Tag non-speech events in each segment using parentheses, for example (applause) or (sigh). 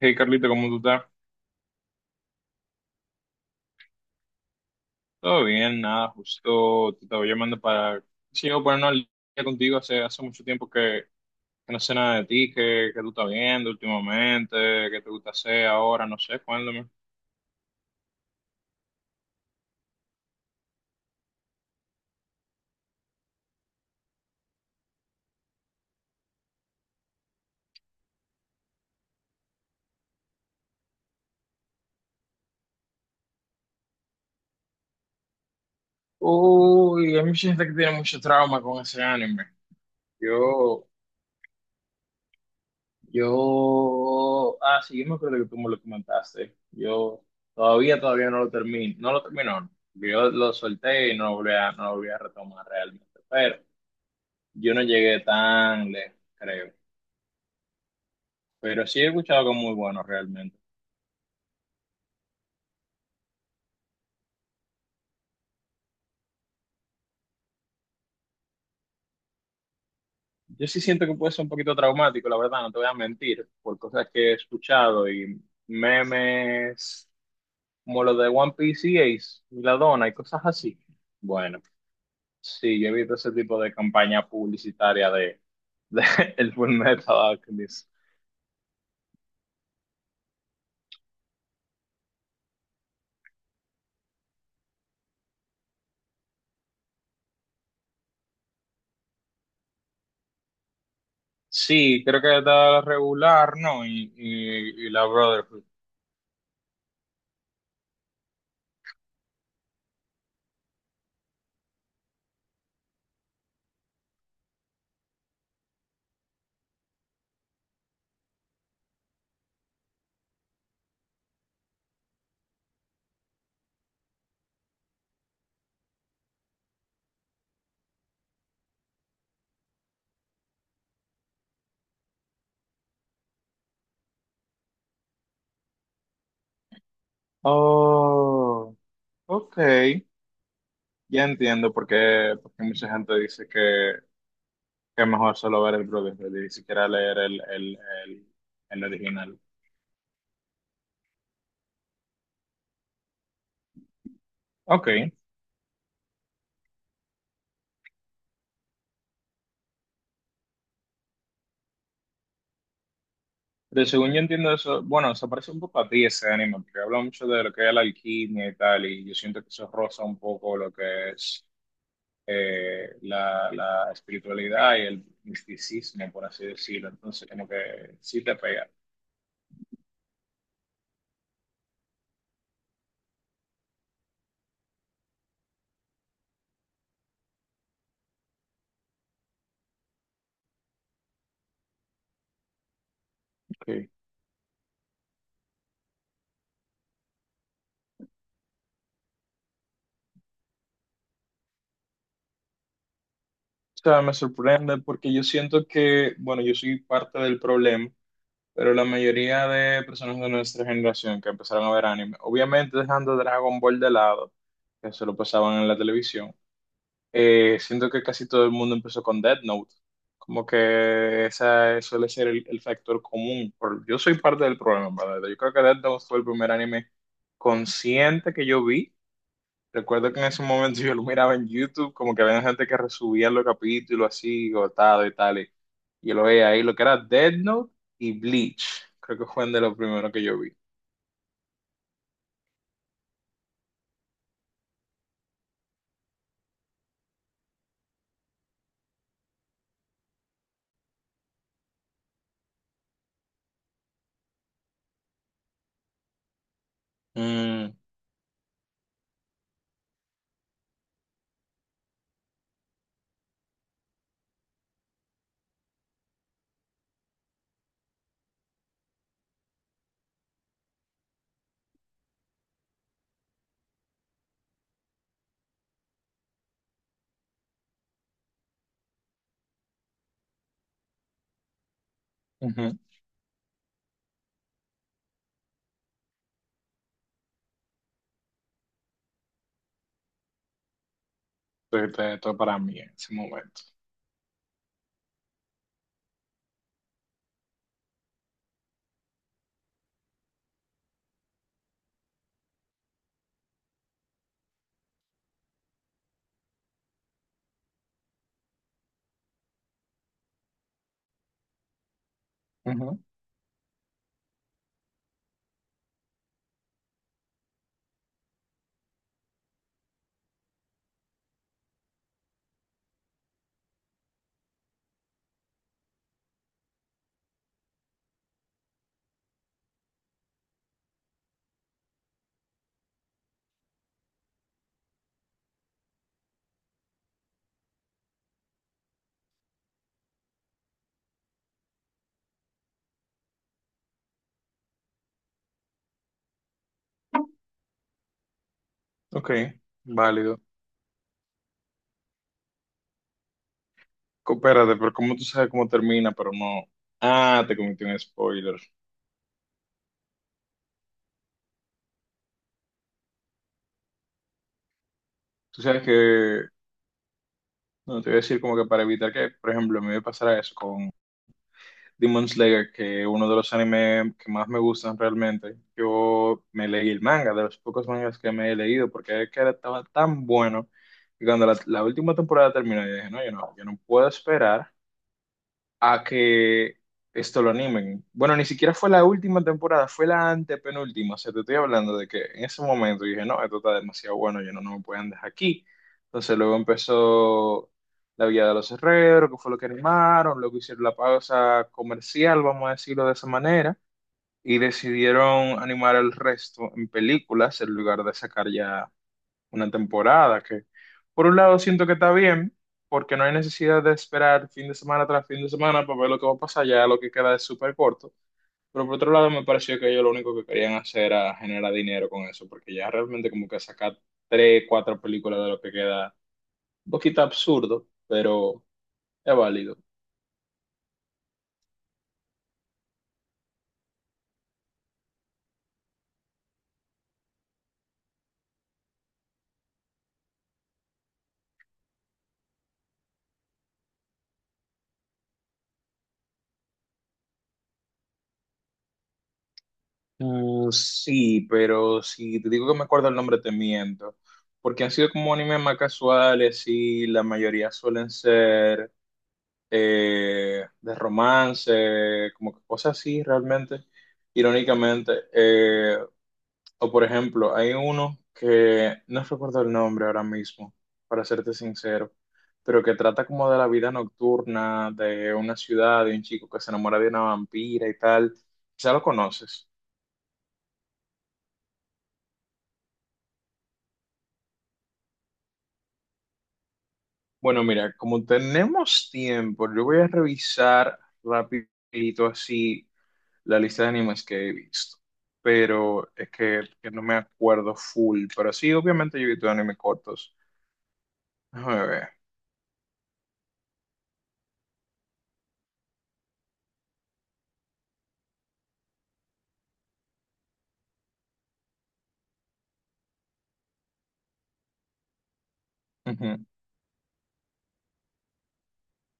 Hey Carlito, ¿cómo tú estás? Todo bien, nada, justo te estaba llamando para, sí, yo ponernos al día contigo, hace mucho tiempo que no sé nada de ti, que tú estás viendo últimamente, qué te gusta hacer ahora, no sé, cuéntame. Uy, hay mucha gente que tiene mucho trauma con ese anime. Yo, sí, yo me acuerdo que tú me lo comentaste. Yo todavía no lo termino, no lo termino, no. Yo lo solté y no lo volví a retomar realmente, pero... Yo no llegué tan lejos, creo. Pero sí he escuchado algo muy bueno realmente. Yo sí siento que puede ser un poquito traumático, la verdad, no te voy a mentir, por cosas que he escuchado y memes como los de One Piece y Ace y la dona y cosas así. Bueno, sí, yo he visto ese tipo de campaña publicitaria de (laughs) el Fullmetal Alchemist. Sí, creo que está regular, ¿no? Y la Brotherhood. Oh, ok. Ya entiendo por qué mucha gente dice que es mejor solo ver el Brotherhood y ni siquiera leer el, el original. Ok, pero según yo entiendo eso, bueno, se parece un poco a ti ese anime, porque habla mucho de lo que es la alquimia y tal, y yo siento que eso roza un poco lo que es la espiritualidad y el misticismo, por así decirlo. Entonces, como que sí te pega. Ok. O sea, me sorprende porque yo siento que, bueno, yo soy parte del problema, pero la mayoría de personas de nuestra generación que empezaron a ver anime, obviamente dejando Dragon Ball de lado, que se lo pasaban en la televisión, siento que casi todo el mundo empezó con Death Note. Como que esa suele ser el factor común. Por- yo soy parte del problema, ¿verdad? Yo creo que Death Note fue el primer anime consciente que yo vi. Recuerdo que en ese momento yo lo miraba en YouTube, como que había gente que resubía los capítulos así, gotado y tal. Y yo lo veía ahí, lo que era Death Note y Bleach. Creo que fue de los primeros que yo vi. Mm, ujú. Entonces, esto para mí en ese momento. Ujú. Ok, válido. Co- Espérate, pero ¿cómo tú sabes cómo termina? Pero no. Ah, te cometí un spoiler. Tú sabes que. No, te voy a decir como que para evitar que, por ejemplo, a mí me pasara eso con Demon Slayer, que es uno de los animes que más me gustan realmente. Yo me leí el manga, de los pocos mangas que me he leído, porque es que estaba tan bueno. Y cuando la última temporada terminó, yo dije, no, yo no puedo esperar a que esto lo animen. Bueno, ni siquiera fue la última temporada, fue la antepenúltima. O sea, te estoy hablando de que en ese momento dije, no, esto está demasiado bueno, yo no, no me pueden dejar aquí. Entonces luego empezó La Villa de los Herreros, que fue lo que animaron, luego hicieron la pausa comercial, vamos a decirlo de esa manera, y decidieron animar el resto en películas en lugar de sacar ya una temporada, que por un lado siento que está bien, porque no hay necesidad de esperar fin de semana tras fin de semana para ver lo que va a pasar, ya lo que queda es súper corto, pero por otro lado me pareció que ellos lo único que querían hacer era generar dinero con eso, porque ya realmente como que sacar tres, cuatro películas de lo que queda, un poquito absurdo, pero es válido. Mm, sí, pero si te digo que me acuerdo el nombre te miento, porque han sido como animes más casuales y la mayoría suelen ser de romance, como que cosas así realmente, irónicamente. O por ejemplo, hay uno que no recuerdo el nombre ahora mismo, para serte sincero, pero que trata como de la vida nocturna de una ciudad, de un chico que se enamora de una vampira y tal. Ya lo conoces. Bueno, mira, como tenemos tiempo, yo voy a revisar rapidito así la lista de animes que he visto, pero es que no me acuerdo full, pero sí, obviamente yo he visto animes cortos. Déjame ver. Ujú.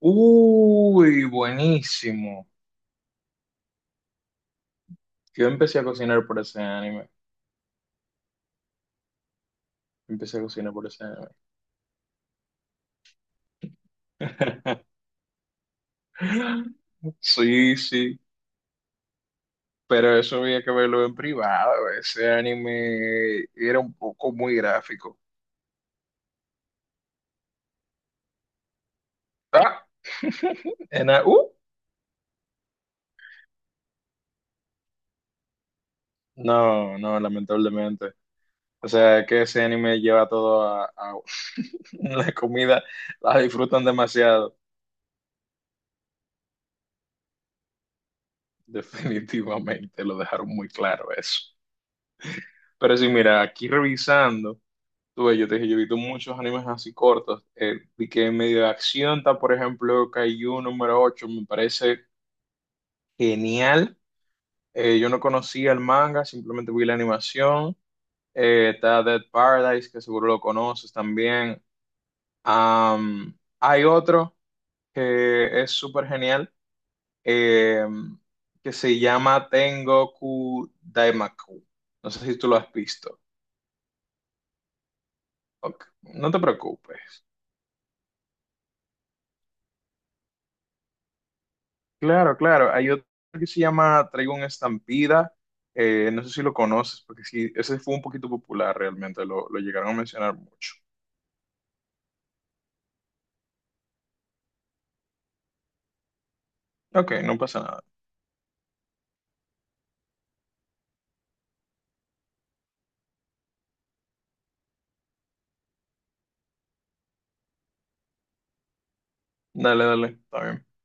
Uy, buenísimo. Yo empecé a cocinar por ese anime. Empecé a cocinar por ese anime. (laughs) Sí, sí, pero eso había que verlo en privado. Ese anime era un poco muy gráfico. Ah, en a- uh, no, no, lamentablemente. O sea, que ese anime lleva todo (laughs) la comida, la disfrutan demasiado. (laughs) Definitivamente, lo dejaron muy claro eso. Pero sí, mira, aquí revisando, tú ves, yo te dije, yo he visto muchos animes así cortos. Vi que en medio de acción está, por ejemplo, Kaiju n.º 8, me parece genial. Yo no conocía el manga, simplemente vi la animación. Está Dead Paradise, que seguro lo conoces también. Am, hay otro que es súper genial, eh, que se llama Tengoku Daimaku. No sé si tú lo has visto. Ok, no te preocupes. Claro, claro. Hay otro que se llama Traigo una estampida. Eh, no sé si lo conoces, porque sí, ese fue un poquito popular realmente. Lo llegaron a mencionar mucho. Ok, no pasa nada. Dale, dale. Está bien.